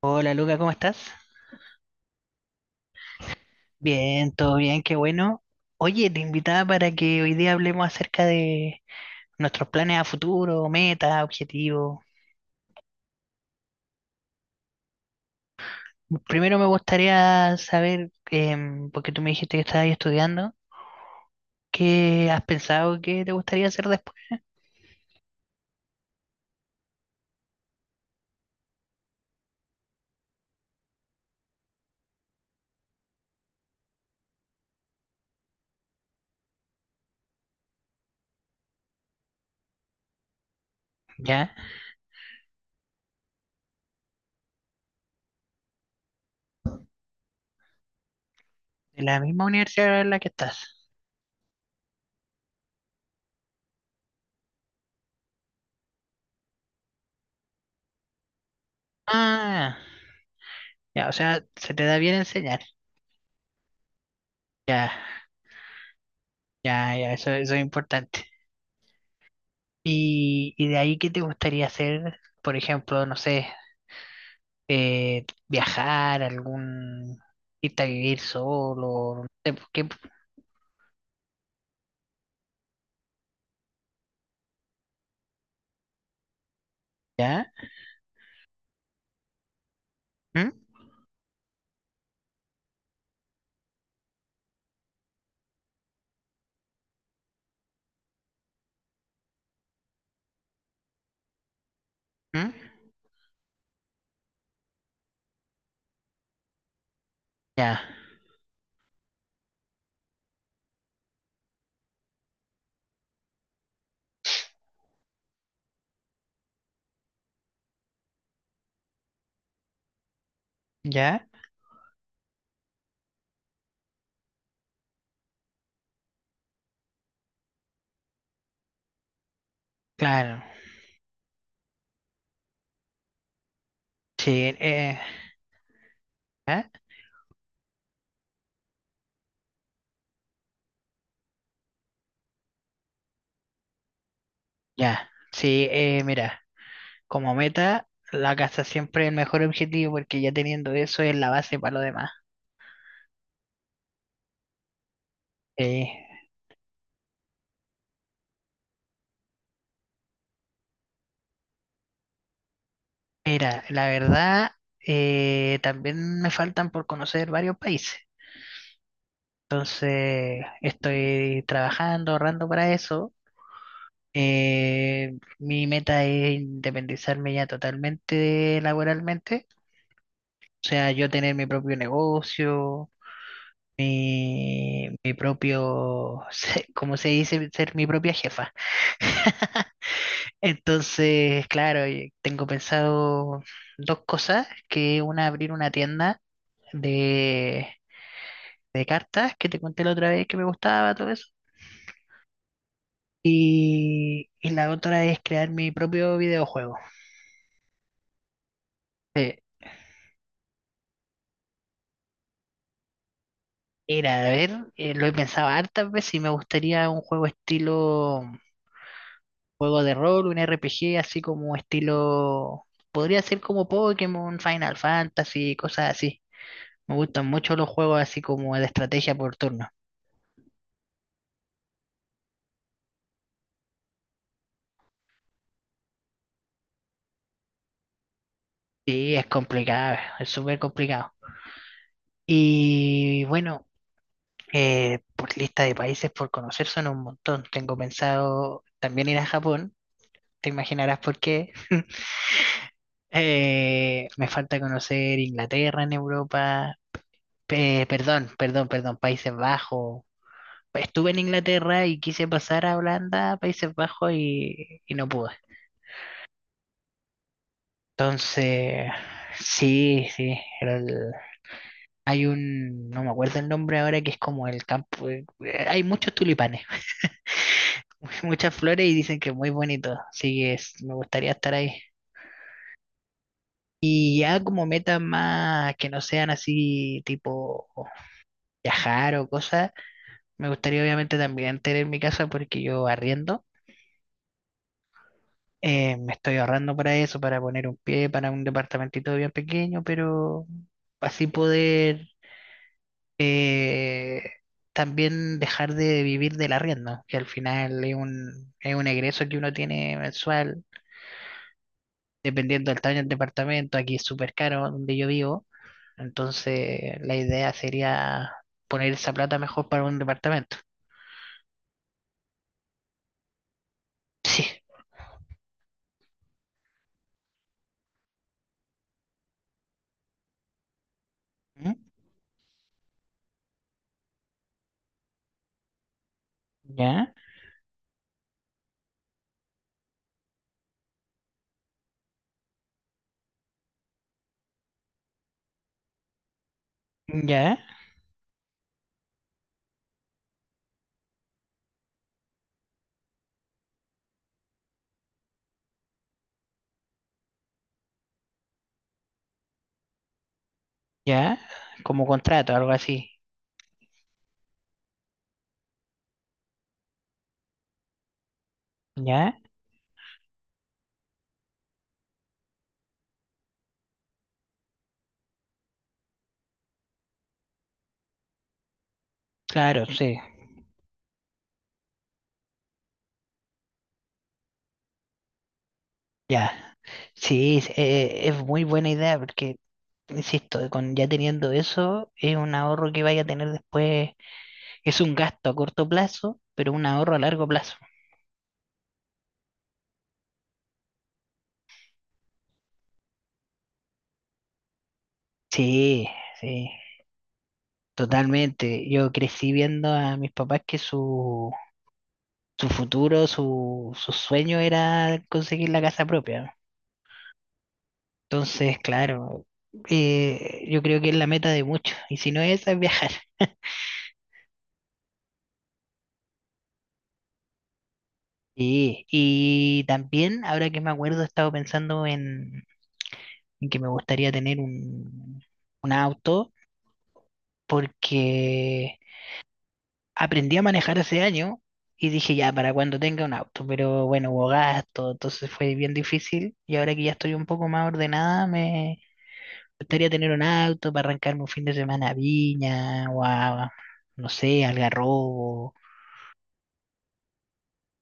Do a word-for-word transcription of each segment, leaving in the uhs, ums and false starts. Hola Luca, ¿cómo estás? Bien, todo bien, qué bueno. Oye, te invitaba para que hoy día hablemos acerca de nuestros planes a futuro, metas, objetivos. Primero me gustaría saber, em, porque tú me dijiste que estabas estudiando, ¿qué has pensado que te gustaría hacer después? ¿Ya? ¿De la misma universidad en la que estás? Ah, ya, o sea, se te da bien enseñar. Ya, ya, ya, eso, eso es importante. Y, y de ahí, ¿qué te gustaría hacer? Por ejemplo, no sé, eh, viajar, algún irte a vivir solo, no sé, ¿por qué? ¿Ya? ¿Mm? ¿Mm? Ya, ya, claro. Sí, eh, ¿ya? Ya. Sí, eh, mira, como meta, la casa siempre es el mejor objetivo porque ya teniendo eso es la base para lo demás. Eh, mira, la verdad, eh, también me faltan por conocer varios países. Entonces, estoy trabajando, ahorrando para eso. Eh, mi meta es independizarme ya totalmente laboralmente, o sea, yo tener mi propio negocio, mi, mi propio, como se dice, ser mi propia jefa. Entonces, claro, y tengo pensado dos cosas, que una abrir una tienda de, de cartas, que te conté la otra vez que me gustaba, todo eso, y, y la otra es crear mi propio videojuego. Era, a ver, eh, lo he pensado hartas veces y me gustaría un juego estilo mm, juego de rol, un R P G, así como estilo. Podría ser como Pokémon, Final Fantasy, cosas así. Me gustan mucho los juegos así como de estrategia por turno. Sí, es complicado, es súper complicado. Y bueno, eh, por lista de países por conocer son un montón. Tengo pensado también ir a Japón, te imaginarás por qué. Eh, me falta conocer Inglaterra en Europa. Pe- perdón, perdón, perdón, Países Bajos. Estuve en Inglaterra y quise pasar a Holanda, Países Bajos y, y no pude. Entonces, sí, sí, era el- hay un, no me acuerdo el nombre ahora, que es como el campo, eh, hay muchos tulipanes, muchas flores y dicen que es muy bonito, así que es- me gustaría estar ahí. Y ya como metas más que no sean así tipo viajar o cosas, me gustaría obviamente también tener mi casa porque yo arriendo. Eh, me estoy ahorrando para eso, para poner un pie para un departamentito bien pequeño, pero así poder también dejar de vivir de la rienda, que al final es un, es un egreso que uno tiene mensual, dependiendo del tamaño del departamento, aquí es súper caro donde yo vivo, entonces la idea sería poner esa plata mejor para un departamento. Sí. ¿Mm? Ya, ya, ya, como contrato, algo así. Ya, claro, sí. Ya, sí, es eh, es muy buena idea porque, insisto, con ya teniendo eso, es un ahorro que vaya a tener después, es un gasto a corto plazo, pero un ahorro a largo plazo. Sí, sí, totalmente. Yo crecí viendo a mis papás que su, su futuro, su, su sueño era conseguir la casa propia. Entonces, claro, eh, yo creo que es la meta de muchos, y si no es esa, es viajar. Sí, y también, ahora que me acuerdo, he estado pensando en, en que me gustaría tener un, un auto porque aprendí a manejar hace año y dije ya para cuando tenga un auto, pero bueno, hubo gasto, entonces fue bien difícil y ahora que ya estoy un poco más ordenada me gustaría tener un auto para arrancarme un fin de semana a Viña o a, no sé, Algarrobo.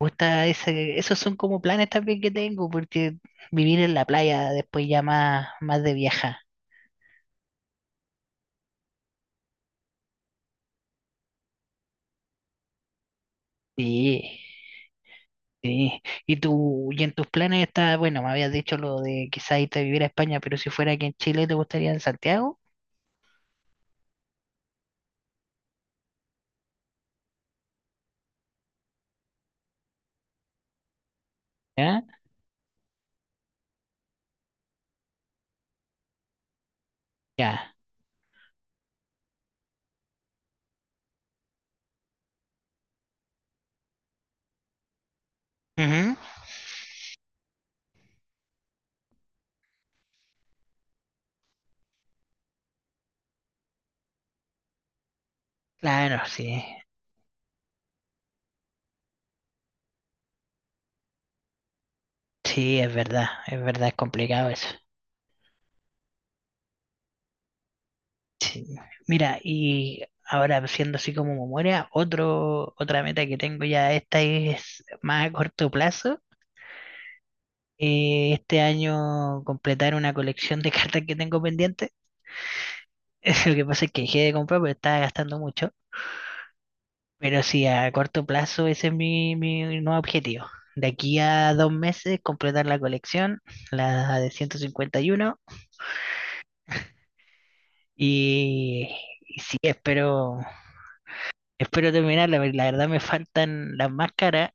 Me gusta ese, esos son como planes también que tengo porque vivir en la playa después ya más, más de vieja. Sí. Sí, y tú, y en tus planes está, bueno, me habías dicho lo de quizás irte a vivir a España, pero si fuera aquí en Chile, ¿te gustaría en Santiago? ¿Ya? Ya. Ujú. Claro, sí, sí, es verdad, es verdad, es complicado eso. Sí. Mira, y ahora siendo así como memoria, otro, otra meta que tengo ya, esta es más a corto plazo, eh, este año completar una colección de cartas que tengo pendiente. Lo que pasa es que dejé de comprar, pero estaba gastando mucho. Pero sí, a corto plazo ese es mi, mi nuevo objetivo. De aquí a dos meses completar la colección, la de ciento cincuenta y uno. Y, uno. y y sí, espero, espero terminarla, porque la verdad me faltan las máscaras.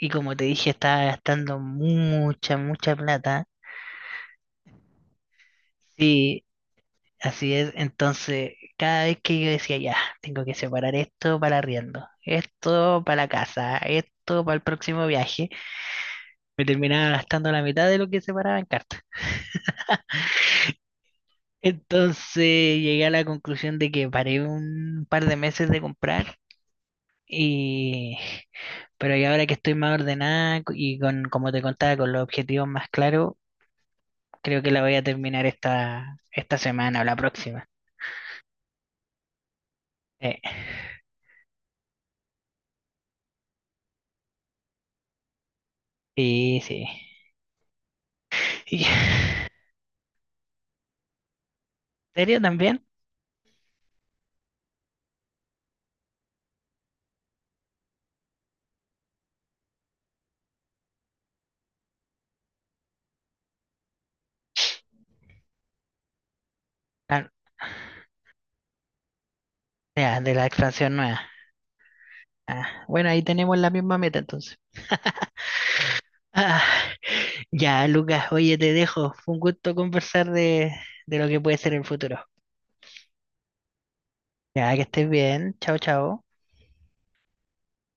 Y como te dije, estaba gastando mucha, mucha plata. Sí, así es. Entonces, cada vez que yo decía, ya, tengo que separar esto para arriendo, esto para la casa, esto para el próximo viaje, me terminaba gastando la mitad de lo que separaba en cartas. Entonces llegué a la conclusión de que paré un par de meses de comprar y pero y ahora que estoy más ordenada co- y con como te contaba con los objetivos más claros, creo que la voy a terminar esta esta semana o la próxima. Eh, sí, sí. Y- ¿En serio también? Ah, ya, de la expansión nueva. Ah, bueno, ahí tenemos la misma meta entonces. Ah, ya, Lucas, oye, te dejo. Fue un gusto conversar de, de lo que puede ser el futuro. Ya, que estés bien. Chao, chao.